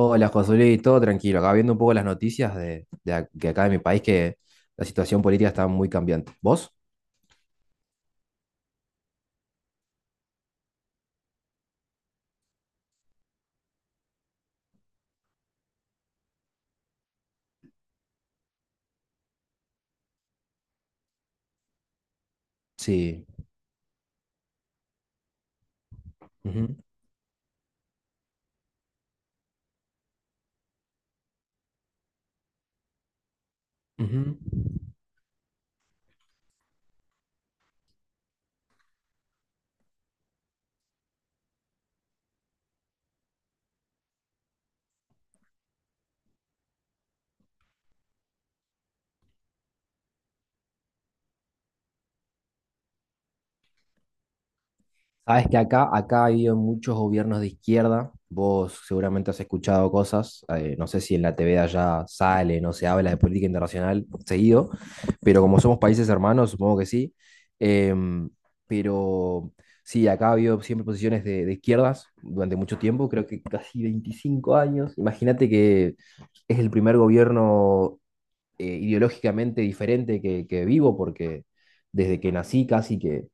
Hola, Josué, todo tranquilo. Acá viendo un poco las noticias de acá de mi país, que la situación política está muy cambiante. ¿Vos? Sí. Ujú, ujú. Sabes que acá ha habido muchos gobiernos de izquierda. Vos seguramente has escuchado cosas. No sé si en la TV de allá sale, no se habla de política internacional seguido, pero como somos países hermanos, supongo que sí. Em, pero sí, acá ha habido siempre posiciones de izquierdas durante mucho tiempo, creo que casi 25 años. Imagínate que es el primer gobierno ideológicamente diferente que vivo, porque desde que nací casi que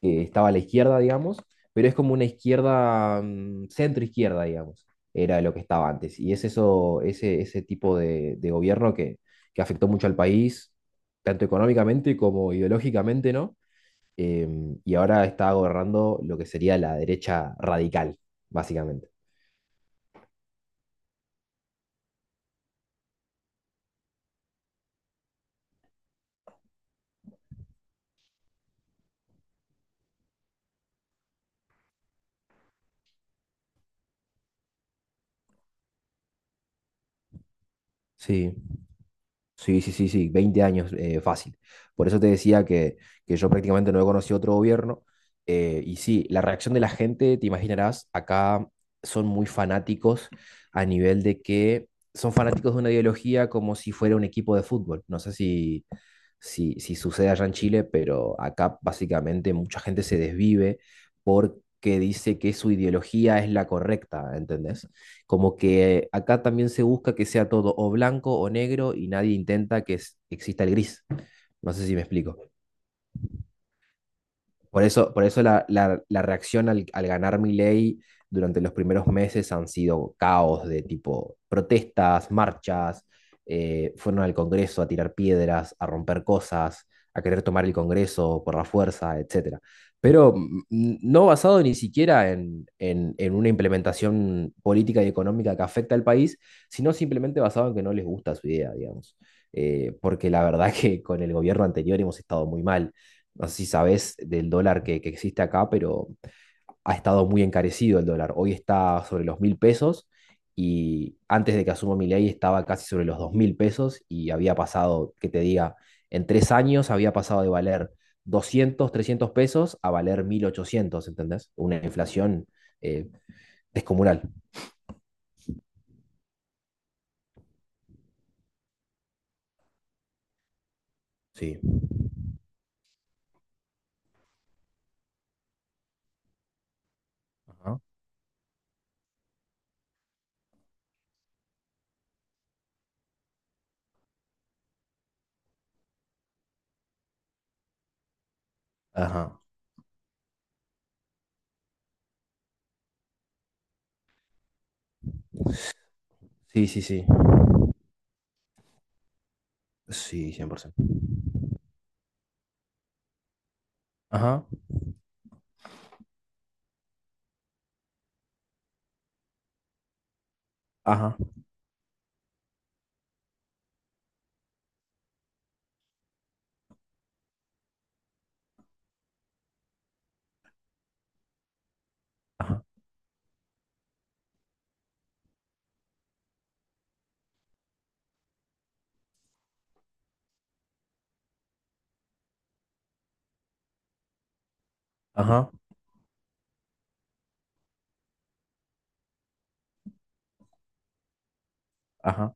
estaba a la izquierda, digamos, pero es como una izquierda, centro-izquierda, digamos, era lo que estaba antes. Y es eso, ese tipo de gobierno que afectó mucho al país, tanto económicamente como ideológicamente, ¿no? Y ahora está gobernando lo que sería la derecha radical, básicamente. Sí. Sí, sí, sí, sí, 20 años fácil. Por eso te decía que yo prácticamente no he conocido otro gobierno. Y sí, la reacción de la gente, te imaginarás, acá son muy fanáticos a nivel de que son fanáticos de una ideología como si fuera un equipo de fútbol. No sé si sucede allá en Chile, pero acá básicamente mucha gente se desvive porque dice que su ideología es la correcta, ¿entendés? Como que acá también se busca que sea todo o blanco o negro y nadie intenta que exista el gris. No sé si me explico. Por eso la reacción al ganar Milei durante los primeros meses han sido caos de tipo protestas, marchas, fueron al Congreso a tirar piedras, a romper cosas, a querer tomar el Congreso por la fuerza, etcétera. Pero no basado ni siquiera en una implementación política y económica que afecta al país, sino simplemente basado en que no les gusta su idea, digamos. Porque la verdad que con el gobierno anterior hemos estado muy mal. No sé si sabes del dólar que existe acá, pero ha estado muy encarecido el dólar. Hoy está sobre los 1.000 pesos y antes de que asuma mi estaba casi sobre los 2.000 pesos y había pasado, que te diga, en 3 años había pasado de valer 200 300 pesos a valer 1.800. ¿Entendés? Una inflación eh, descomunal. Sí. Ajá. Ajá. Sí, sí, sí. Sí, 100%. Ajá. Ajá. Ajá. Ajá. Ajá.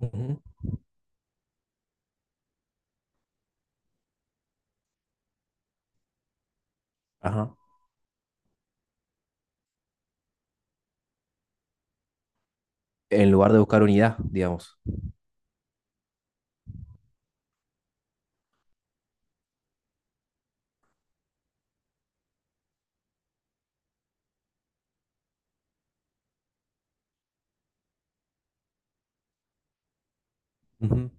Ujú. Ajá. En lugar de buscar unidad, digamos. Ujú,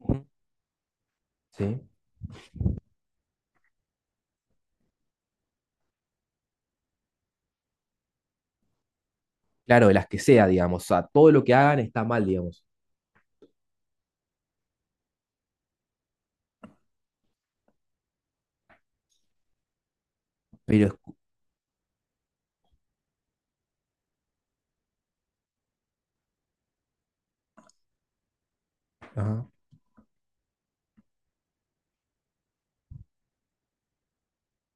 ujú. ¿Sí? Claro, de las que sea, digamos. O sea, todo lo que hagan está mal, digamos. Pero es- Ajá.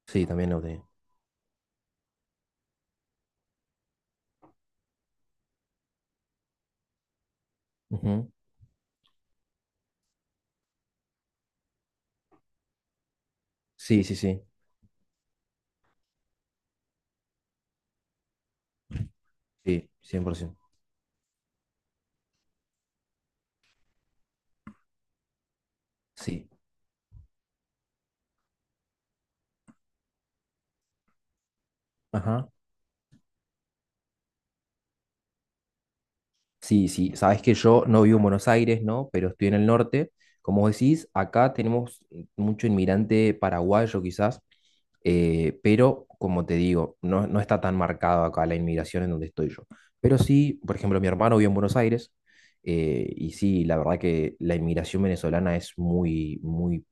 Sí, también lo tenía. Ujú. Sí, sí, sí. Sí, 100%. Sí. Ajá. Sí, sí, sabes que yo no vivo en Buenos Aires, ¿no? Pero estoy en el norte. Como vos decís, acá tenemos mucho inmigrante paraguayo quizás, pero como te digo, no, no está tan marcado acá la inmigración en donde estoy yo. Pero sí, por ejemplo, mi hermano vive en Buenos Aires, y sí, la verdad que la inmigración venezolana es muy, muy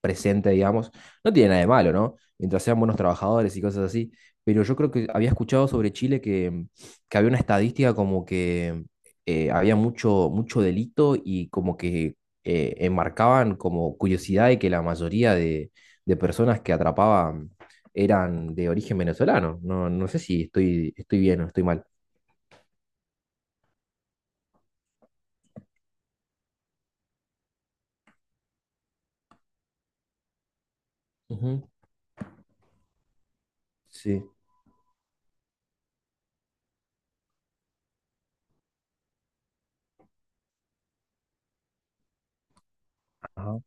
presente, digamos, no tiene nada de malo, ¿no? Mientras sean buenos trabajadores y cosas así. Pero yo creo que había escuchado sobre Chile que había una estadística como que había mucho, mucho delito y como que enmarcaban como curiosidad de que la mayoría de personas que atrapaban eran de origen venezolano. No, no sé si estoy bien o estoy mal. Ujú. Sí, ajá,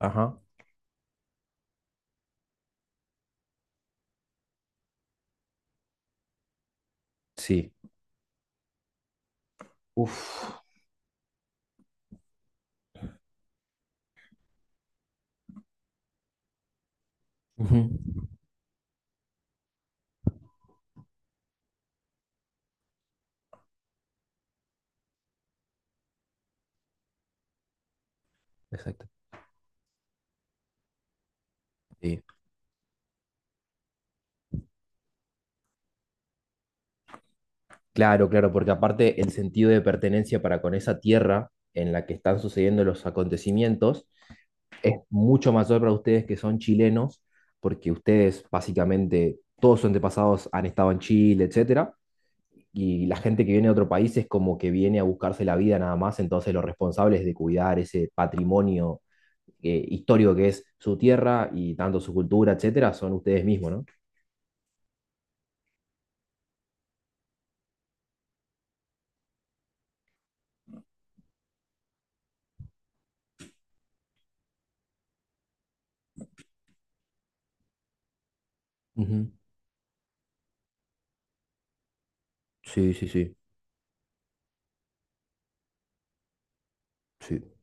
ajá, sí. Uf. Ujú. Exacto. Sí. Claro, claro, porque aparte el sentido de pertenencia para con esa tierra en la que están sucediendo los acontecimientos, mucho mayor para ustedes que son chilenos, porque ustedes básicamente todos sus antepasados han estado en Chile, etcétera, y la gente que viene de otro país es como que viene a buscarse la vida nada más, entonces los responsables de cuidar ese patrimonio histórico que es su tierra y tanto su cultura, etcétera, son ustedes mismos, ¿no? Ujú. Sí, sí, sí, sí.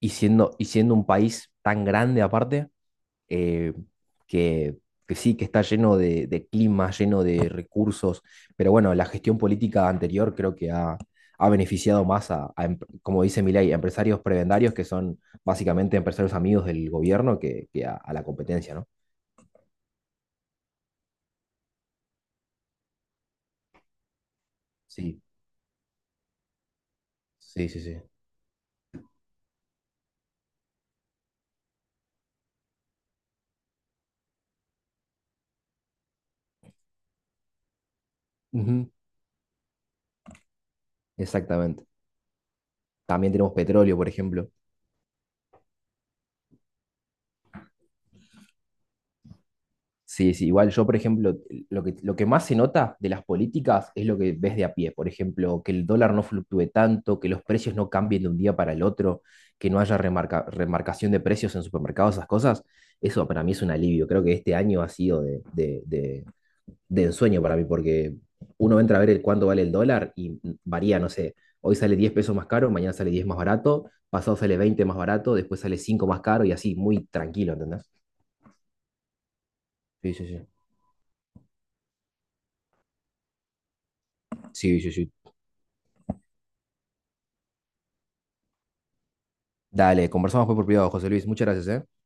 Y siendo un país tan grande aparte, eh, que, que sí, que está lleno de clima, lleno de recursos, pero bueno, la gestión política anterior creo que ha beneficiado más a, a como dice Milei, a empresarios prebendarios que son básicamente empresarios amigos del gobierno que a la competencia, ¿no? Sí, sí, sí, sí. Ujú. Exactamente. También tenemos petróleo, por ejemplo. Sí, sí, igual yo, por ejemplo, lo que más se nota de las políticas es lo que ves de a pie. Por ejemplo, que el dólar no fluctúe tanto, que los precios no cambien de un día para el otro, que no haya remarcación de precios en supermercados, esas cosas. Eso para mí es un alivio. Creo que este año ha sido de ensueño para mí, porque uno entra a ver el cuánto vale el dólar y varía, no sé, hoy sale 10 pesos más caro, mañana sale 10 más barato, pasado sale 20 más barato, después sale 5 más caro y así, muy tranquilo, ¿entendés? Sí, sí, sí. Sí, sí, sí, Dale, conversamos pues por privado, José Luis. Muchas gracias, ¿eh?